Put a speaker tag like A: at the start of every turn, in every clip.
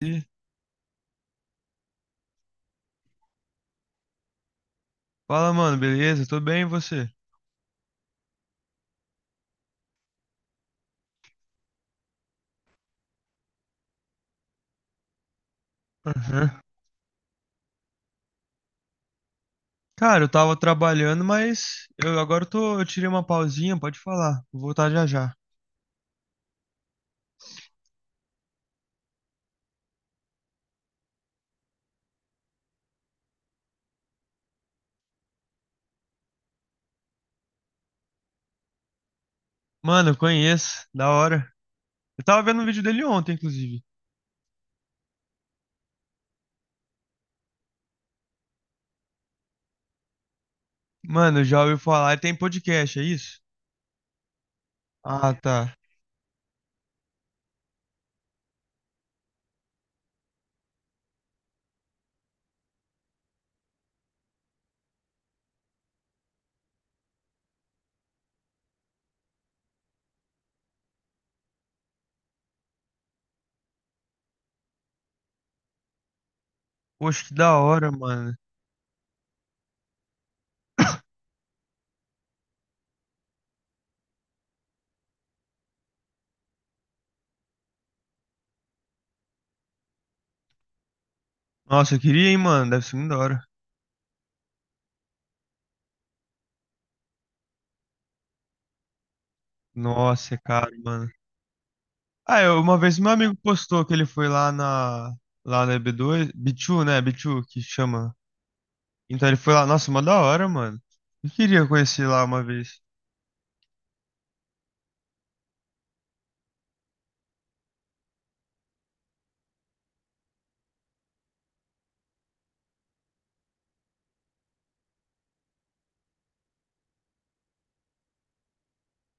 A: E fala, mano, beleza? Tô bem, e você? Aham. Cara, eu tava trabalhando, mas eu tirei uma pausinha, pode falar. Vou voltar já já. Mano, eu conheço, da hora. Eu tava vendo um vídeo dele ontem, inclusive. Mano, já ouviu falar, ele tem podcast, é isso? Ah, tá. Poxa, que da hora, mano. Nossa, eu queria, hein, mano, deve ser muito da hora. Nossa, é caro, mano. Ah, eu, uma vez meu amigo postou que ele foi lá na b dois B2, né? B2 que chama. Então ele foi lá, nossa, mó da hora, mano. Eu queria conhecer lá uma vez.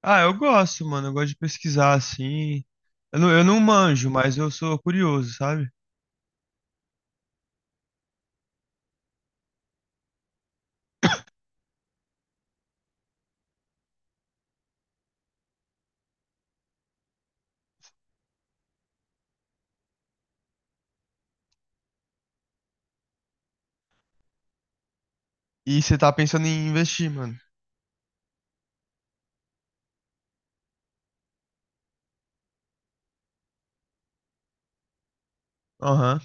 A: Ah, eu gosto, mano, eu gosto de pesquisar assim. Eu não manjo, mas eu sou curioso, sabe? E você tá pensando em investir, mano. Aham.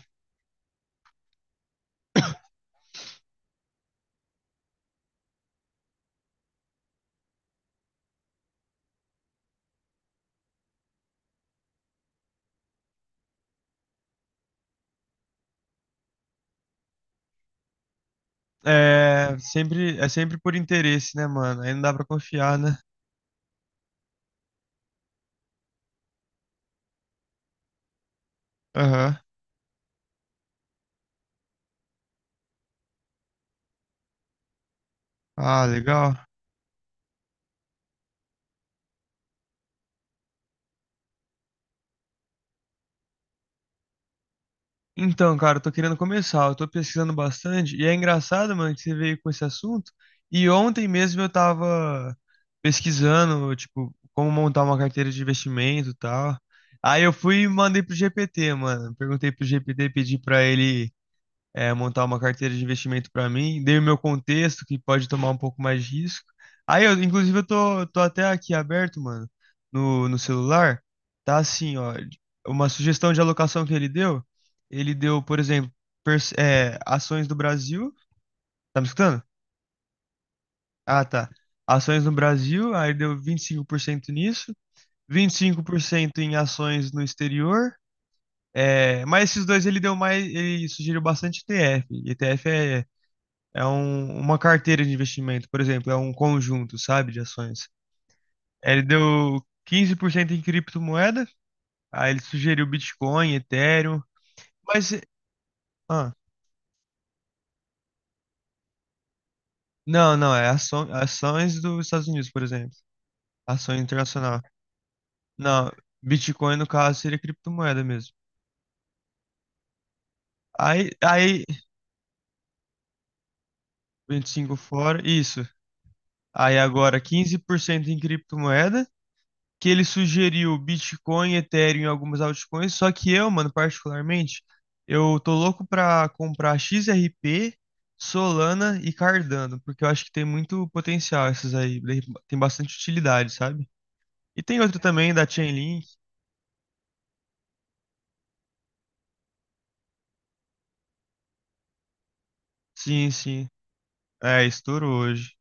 A: É sempre por interesse, né, mano? Aí não dá pra confiar, né? Aham. Ah, legal. Então, cara, eu tô querendo começar, eu tô pesquisando bastante, e é engraçado, mano, que você veio com esse assunto, e ontem mesmo eu tava pesquisando, tipo, como montar uma carteira de investimento e tal. Aí eu fui e mandei pro GPT, mano. Perguntei pro GPT, pedi pra ele montar uma carteira de investimento para mim, dei o meu contexto, que pode tomar um pouco mais de risco. Aí, eu, inclusive, tô até aqui aberto, mano, no celular. Tá assim, ó, uma sugestão de alocação que ele deu, por exemplo, ações do Brasil. Tá me escutando? Ah, tá. Ações no Brasil, aí deu 25% nisso, 25% em ações no exterior. É, mas esses dois ele deu mais, ele sugeriu bastante ETF. ETF é uma carteira de investimento, por exemplo, é um conjunto, sabe, de ações. Ele deu 15% em criptomoeda, aí ele sugeriu Bitcoin, Ethereum, mas ah, não, não, é ações dos Estados Unidos, por exemplo, ações internacional. Não, Bitcoin no caso seria criptomoeda mesmo. Aí 25 fora, isso. Aí agora 15% em criptomoeda que ele sugeriu Bitcoin, Ethereum e algumas altcoins, só que eu, mano, particularmente, eu tô louco pra comprar XRP, Solana e Cardano, porque eu acho que tem muito potencial essas aí, daí tem bastante utilidade, sabe? E tem outra também da Chainlink. Sim, sim, é, estourou hoje.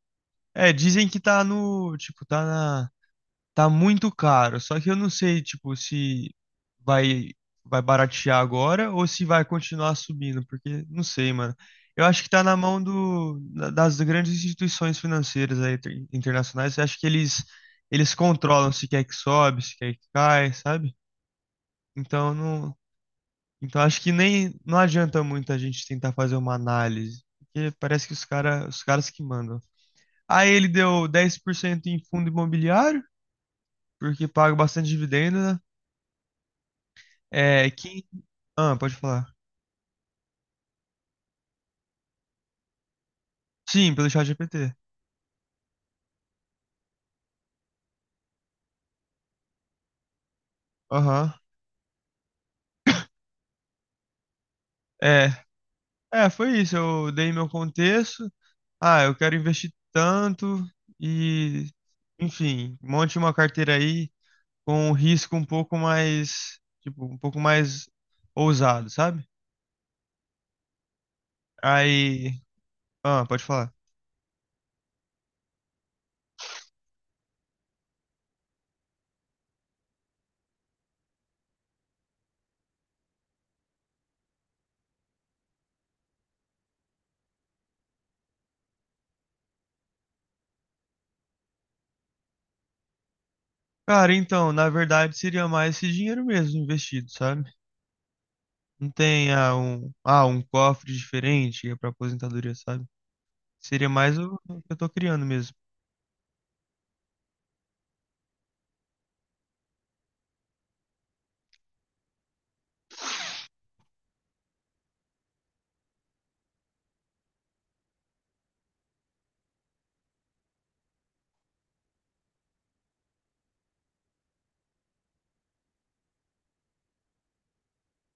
A: É, dizem que tá no, tipo, tá na. Tá muito caro, só que eu não sei, tipo, se vai vai baratear agora ou se vai continuar subindo, porque não sei, mano. Eu acho que tá na mão do, das grandes instituições financeiras aí, internacionais. Eu acho que eles controlam se quer que sobe, se quer que cai, sabe? Então não, então acho que nem não adianta muito a gente tentar fazer uma análise, porque parece que os caras que mandam. Aí ele deu 10% em fundo imobiliário, porque paga bastante dividendo. É, que. Ah, pode falar. Sim, pelo chat GPT. Aham. É. É, foi isso. Eu dei meu contexto. Ah, eu quero investir tanto e, enfim, monte uma carteira aí com um risco um pouco mais, tipo, um pouco mais ousado, sabe? Aí, ah, pode falar. Cara, então, na verdade, seria mais esse dinheiro mesmo investido, sabe? Não tem um cofre diferente para aposentadoria, sabe? Seria mais o que eu tô criando mesmo.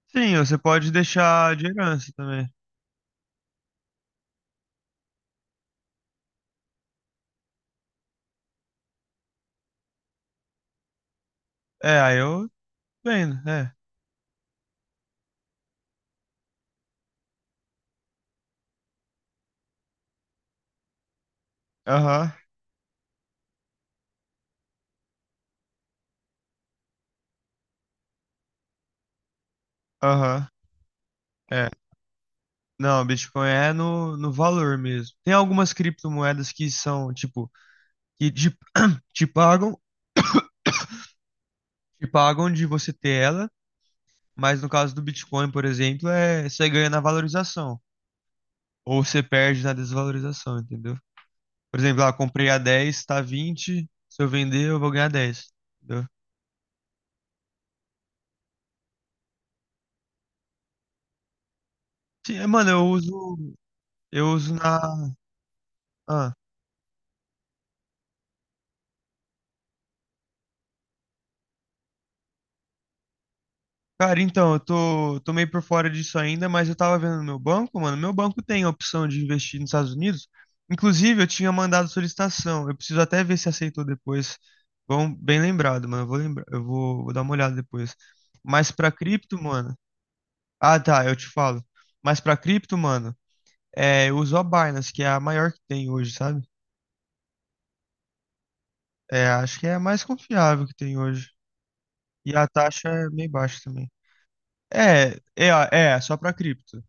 A: Sim, você pode deixar de herança também. É, aí eu vendo, é. Aham, aham. É. Não, Bitcoin é no, no valor mesmo. Tem algumas criptomoedas que são, tipo, que te, te pagam, te pagam de você ter ela, mas no caso do Bitcoin, por exemplo, é você ganha na valorização. Ou você perde na desvalorização, entendeu? Por exemplo, lá, comprei a 10, tá 20. Se eu vender, eu vou ganhar 10. Entendeu? Sim, é, mano, eu uso. Eu uso na. ah, Cara, então, tô meio por fora disso ainda, mas eu tava vendo no meu banco, mano. Meu banco tem a opção de investir nos Estados Unidos. Inclusive, eu tinha mandado solicitação. Eu preciso até ver se aceitou depois. Bom, bem lembrado, mano. Eu vou lembrar, vou dar uma olhada depois. Mas pra cripto, mano. Ah, tá, eu te falo. Mas pra cripto, mano, é, eu uso a Binance, que é a maior que tem hoje, sabe? É, acho que é a mais confiável que tem hoje. E a taxa é meio baixa também. Só pra cripto.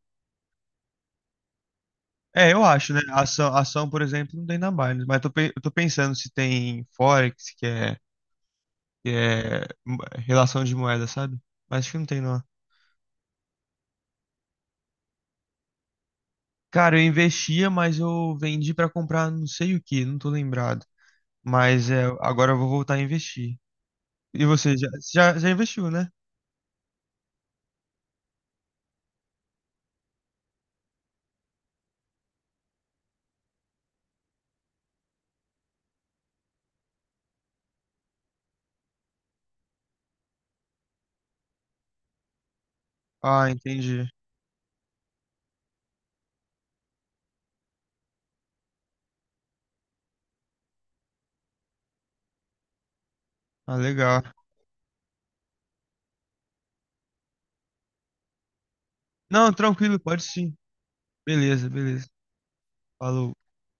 A: É, eu acho, né? Ação, por exemplo, não tem na Binance, mas eu tô pensando se tem Forex, que é relação de moeda, sabe? Mas acho que não tem, não. Cara, eu investia, mas eu vendi pra comprar não sei o que, não tô lembrado. Mas é, agora eu vou voltar a investir. E você já investiu, né? Ah, entendi. Ah, legal. Não, tranquilo, pode sim. Beleza, beleza. Falou.